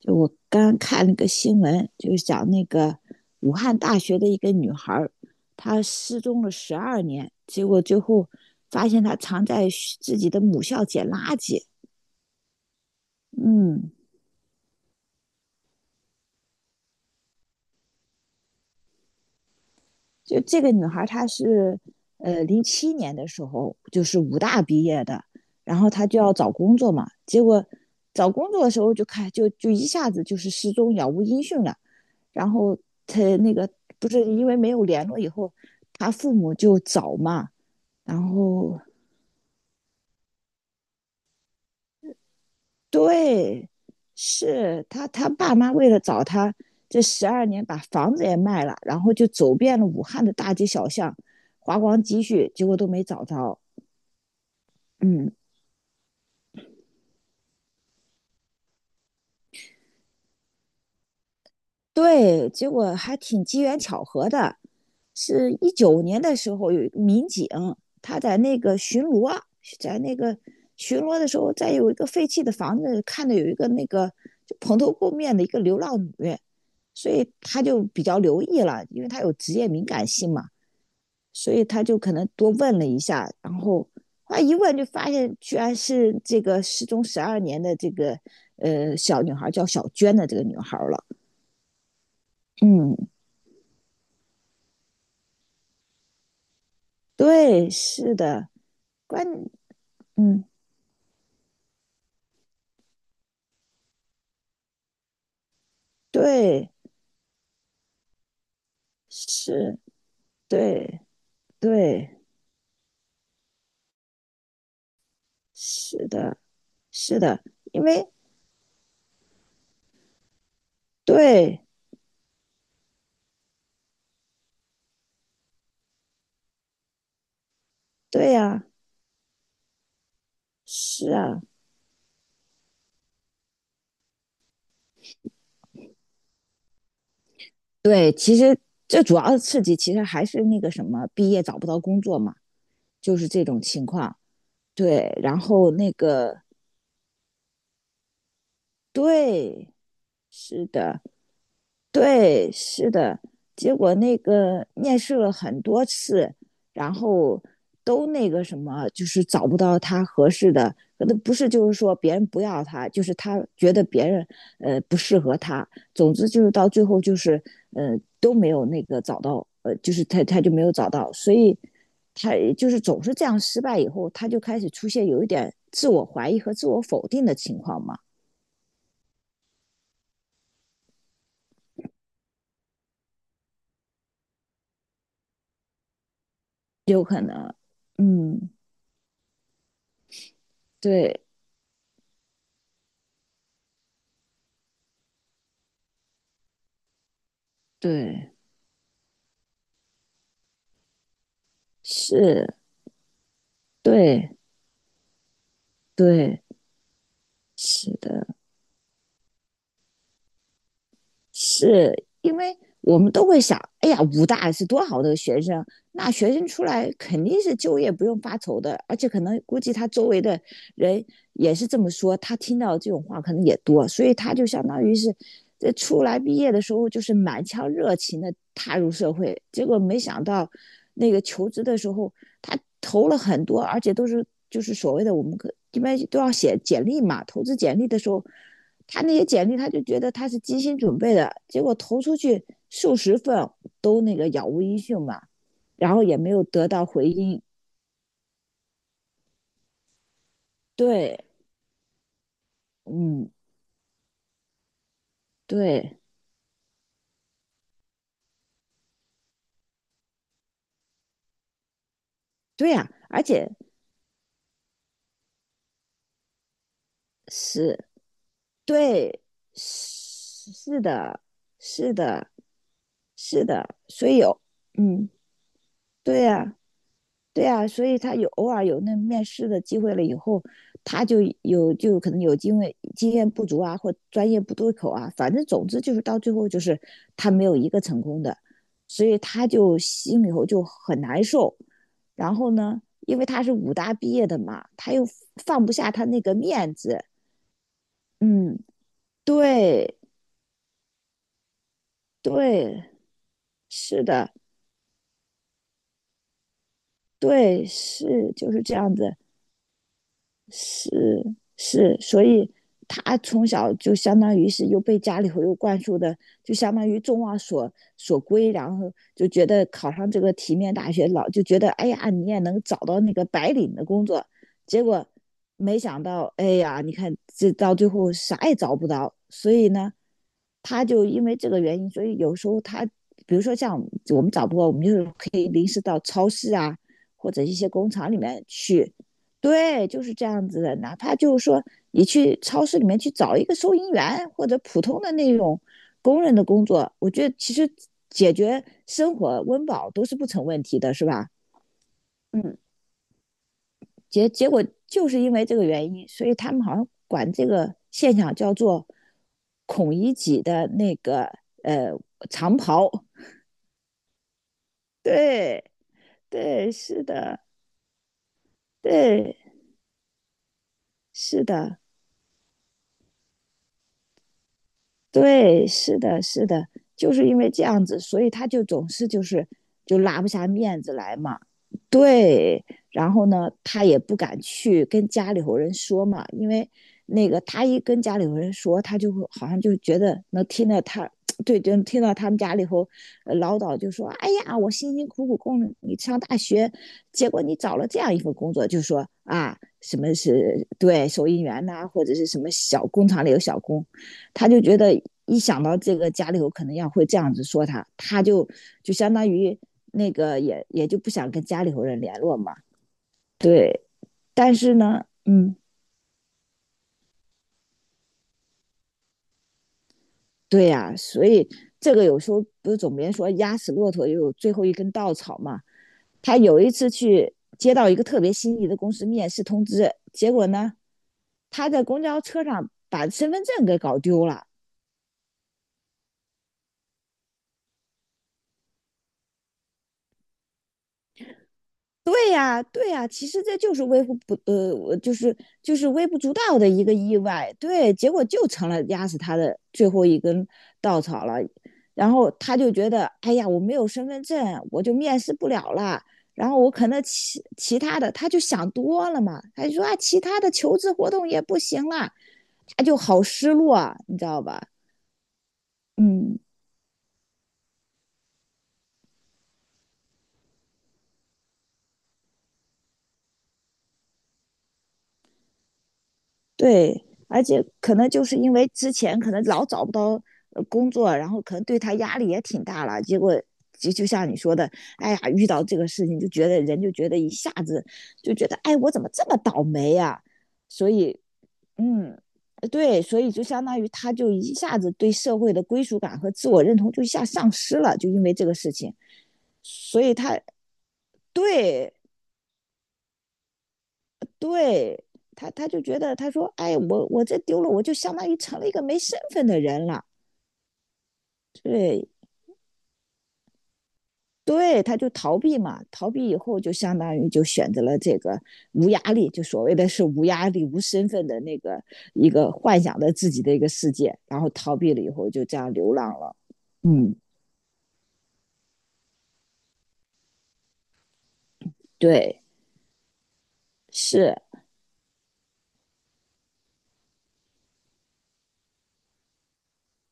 就我刚看了个新闻，就是讲那个武汉大学的一个女孩她失踪了十二年，结果最后发现她藏在自己的母校捡垃圾。嗯，就这个女孩她是07年的时候就是武大毕业的，然后她就要找工作嘛，结果找工作的时候就看就就一下子就是失踪杳无音讯了，然后她那个不是因为没有联络以后，她父母就找嘛。然后对，是他爸妈为了找他，这十二年把房子也卖了，然后就走遍了武汉的大街小巷，花光积蓄，结果都没找着。嗯，对，结果还挺机缘巧合的，是19年的时候有一个民警，他在那个巡逻，在那个巡逻的时候，在有一个废弃的房子看到有一个那个就蓬头垢面的一个流浪女。所以他就比较留意了，因为他有职业敏感性嘛，所以他就可能多问了一下，然后他一问就发现居然是这个失踪十二年的这个小女孩叫小娟的这个女孩了。嗯，对，是的，关，嗯，对，是，对，对，是的，是的，因为对，对呀、是啊，对，其实这主要的刺激其实还是那个什么，毕业找不到工作嘛，就是这种情况。对，然后那个对，是的，对，是的，结果那个面试了很多次，然后都那个什么，就是找不到他合适的，那不是就是说别人不要他，就是他觉得别人不适合他，总之就是到最后就是都没有那个找到，就是他就没有找到，所以他就是总是这样失败以后，他就开始出现有一点自我怀疑和自我否定的情况嘛，有可能，嗯，对对。是，对对，是的，是因为我们都会想，哎呀，武大是多好的学生，那学生出来肯定是就业不用发愁的，而且可能估计他周围的人也是这么说，他听到这种话可能也多，所以他就相当于是，这出来毕业的时候就是满腔热情的踏入社会，结果没想到那个求职的时候，他投了很多，而且都是就是所谓的我们可一般都要写简历嘛，投资简历的时候，他那些简历他就觉得他是精心准备的，结果投出去数十份都那个杳无音讯嘛，然后也没有得到回音。对，嗯，对，对呀、而且是对，是是的，是的，是的，所以有，嗯，对呀、对啊，所以他有偶尔有那面试的机会了以后，他就有就可能有经验不足啊，或专业不对口啊，反正总之就是到最后就是他没有一个成功的，所以他就心里头就很难受。然后呢，因为他是武大毕业的嘛，他又放不下他那个面子。嗯，对对，是的，对是就是这样子。是是，所以他从小就相当于是又被家里头又灌输的，就相当于众望所归，然后就觉得考上这个体面大学，老就觉得哎呀，你也能找到那个白领的工作，结果没想到，哎呀，你看这到最后啥也找不到，所以呢，他就因为这个原因，所以有时候他，比如说像我们找不到，我们就可以临时到超市啊，或者一些工厂里面去。对，就是这样子的。哪怕就是说，你去超市里面去找一个收银员或者普通的那种工人的工作，我觉得其实解决生活温饱都是不成问题的，是吧？嗯，结果就是因为这个原因，所以他们好像管这个现象叫做"孔乙己"的那个呃长袍。对对，是的，对是的。对，是的，是的，就是因为这样子，所以他就总是就是就拉不下面子来嘛。对，然后呢，他也不敢去跟家里头人说嘛，因为那个他一跟家里头人说，他就会好像就觉得能听到他，对，就听到他们家里头唠叨，就说："哎呀，我辛辛苦苦供你上大学，结果你找了这样一份工作，就说啊，什么是对收银员呐、或者是什么小工厂里有小工。"他就觉得一想到这个家里头可能要会这样子说他，他就就相当于那个也就不想跟家里头人联络嘛。对，但是呢，嗯，对呀、所以这个有时候不是总别人说压死骆驼也有最后一根稻草嘛。他有一次去接到一个特别心仪的公司面试通知，结果呢，他在公交车上把身份证给搞丢了。对呀，对呀，其实这就是微不不呃，我就是就是微不足道的一个意外，对，结果就成了压死他的最后一根稻草了。然后他就觉得，哎呀，我没有身份证，我就面试不了了。然后我可能其他的，他就想多了嘛，他就说啊，其他的求职活动也不行了，他就好失落啊，你知道吧？嗯。对，而且可能就是因为之前可能老找不到工作，然后可能对他压力也挺大了，结果就像你说的，哎呀，遇到这个事情就觉得人就觉得一下子就觉得，哎，我怎么这么倒霉呀、所以，嗯，对，所以就相当于他就一下子对社会的归属感和自我认同就一下丧失了，就因为这个事情，所以他对对他，他就觉得他说，哎，我这丢了，我就相当于成了一个没身份的人了。对对，他就逃避嘛，逃避以后就相当于就选择了这个无压力，就所谓的是无压力、无身份的那个一个幻想的自己的一个世界，然后逃避了以后就这样流浪了。嗯，对，是，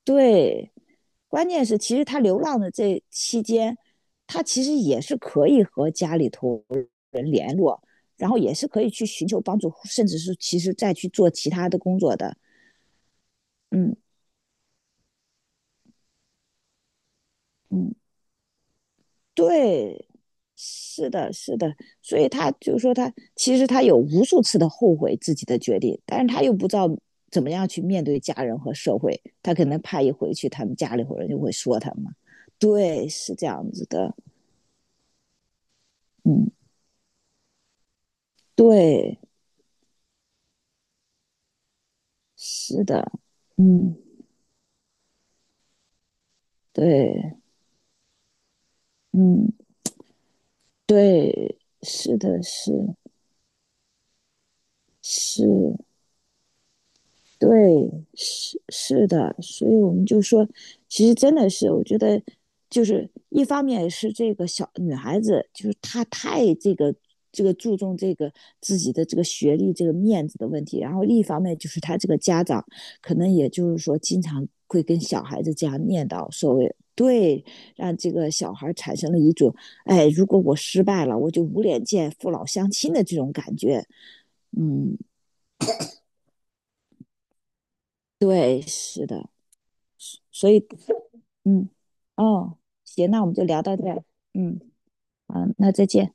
对，关键是，其实他流浪的这期间，他其实也是可以和家里头人联络，然后也是可以去寻求帮助，甚至是其实再去做其他的工作的。嗯嗯，对，是的，是的。所以他就是说他，其实他有无数次的后悔自己的决定，但是他又不知道怎么样去面对家人和社会，他可能怕一回去，他们家里头人就会说他嘛。对，是这样子的。嗯，对。是的，嗯，对，嗯，对，是的，是，对，是的，所以我们就说，其实真的是，我觉得就是一方面是这个小女孩子，就是她太这个这个注重这个自己的这个学历、这个面子的问题，然后另一方面就是她这个家长可能也就是说经常会跟小孩子这样念叨，所谓对，让这个小孩产生了一种，哎，如果我失败了，我就无脸见父老乡亲的这种感觉。嗯，对，是的。所以嗯，哦，行，那我们就聊到这儿嗯，好，那再见。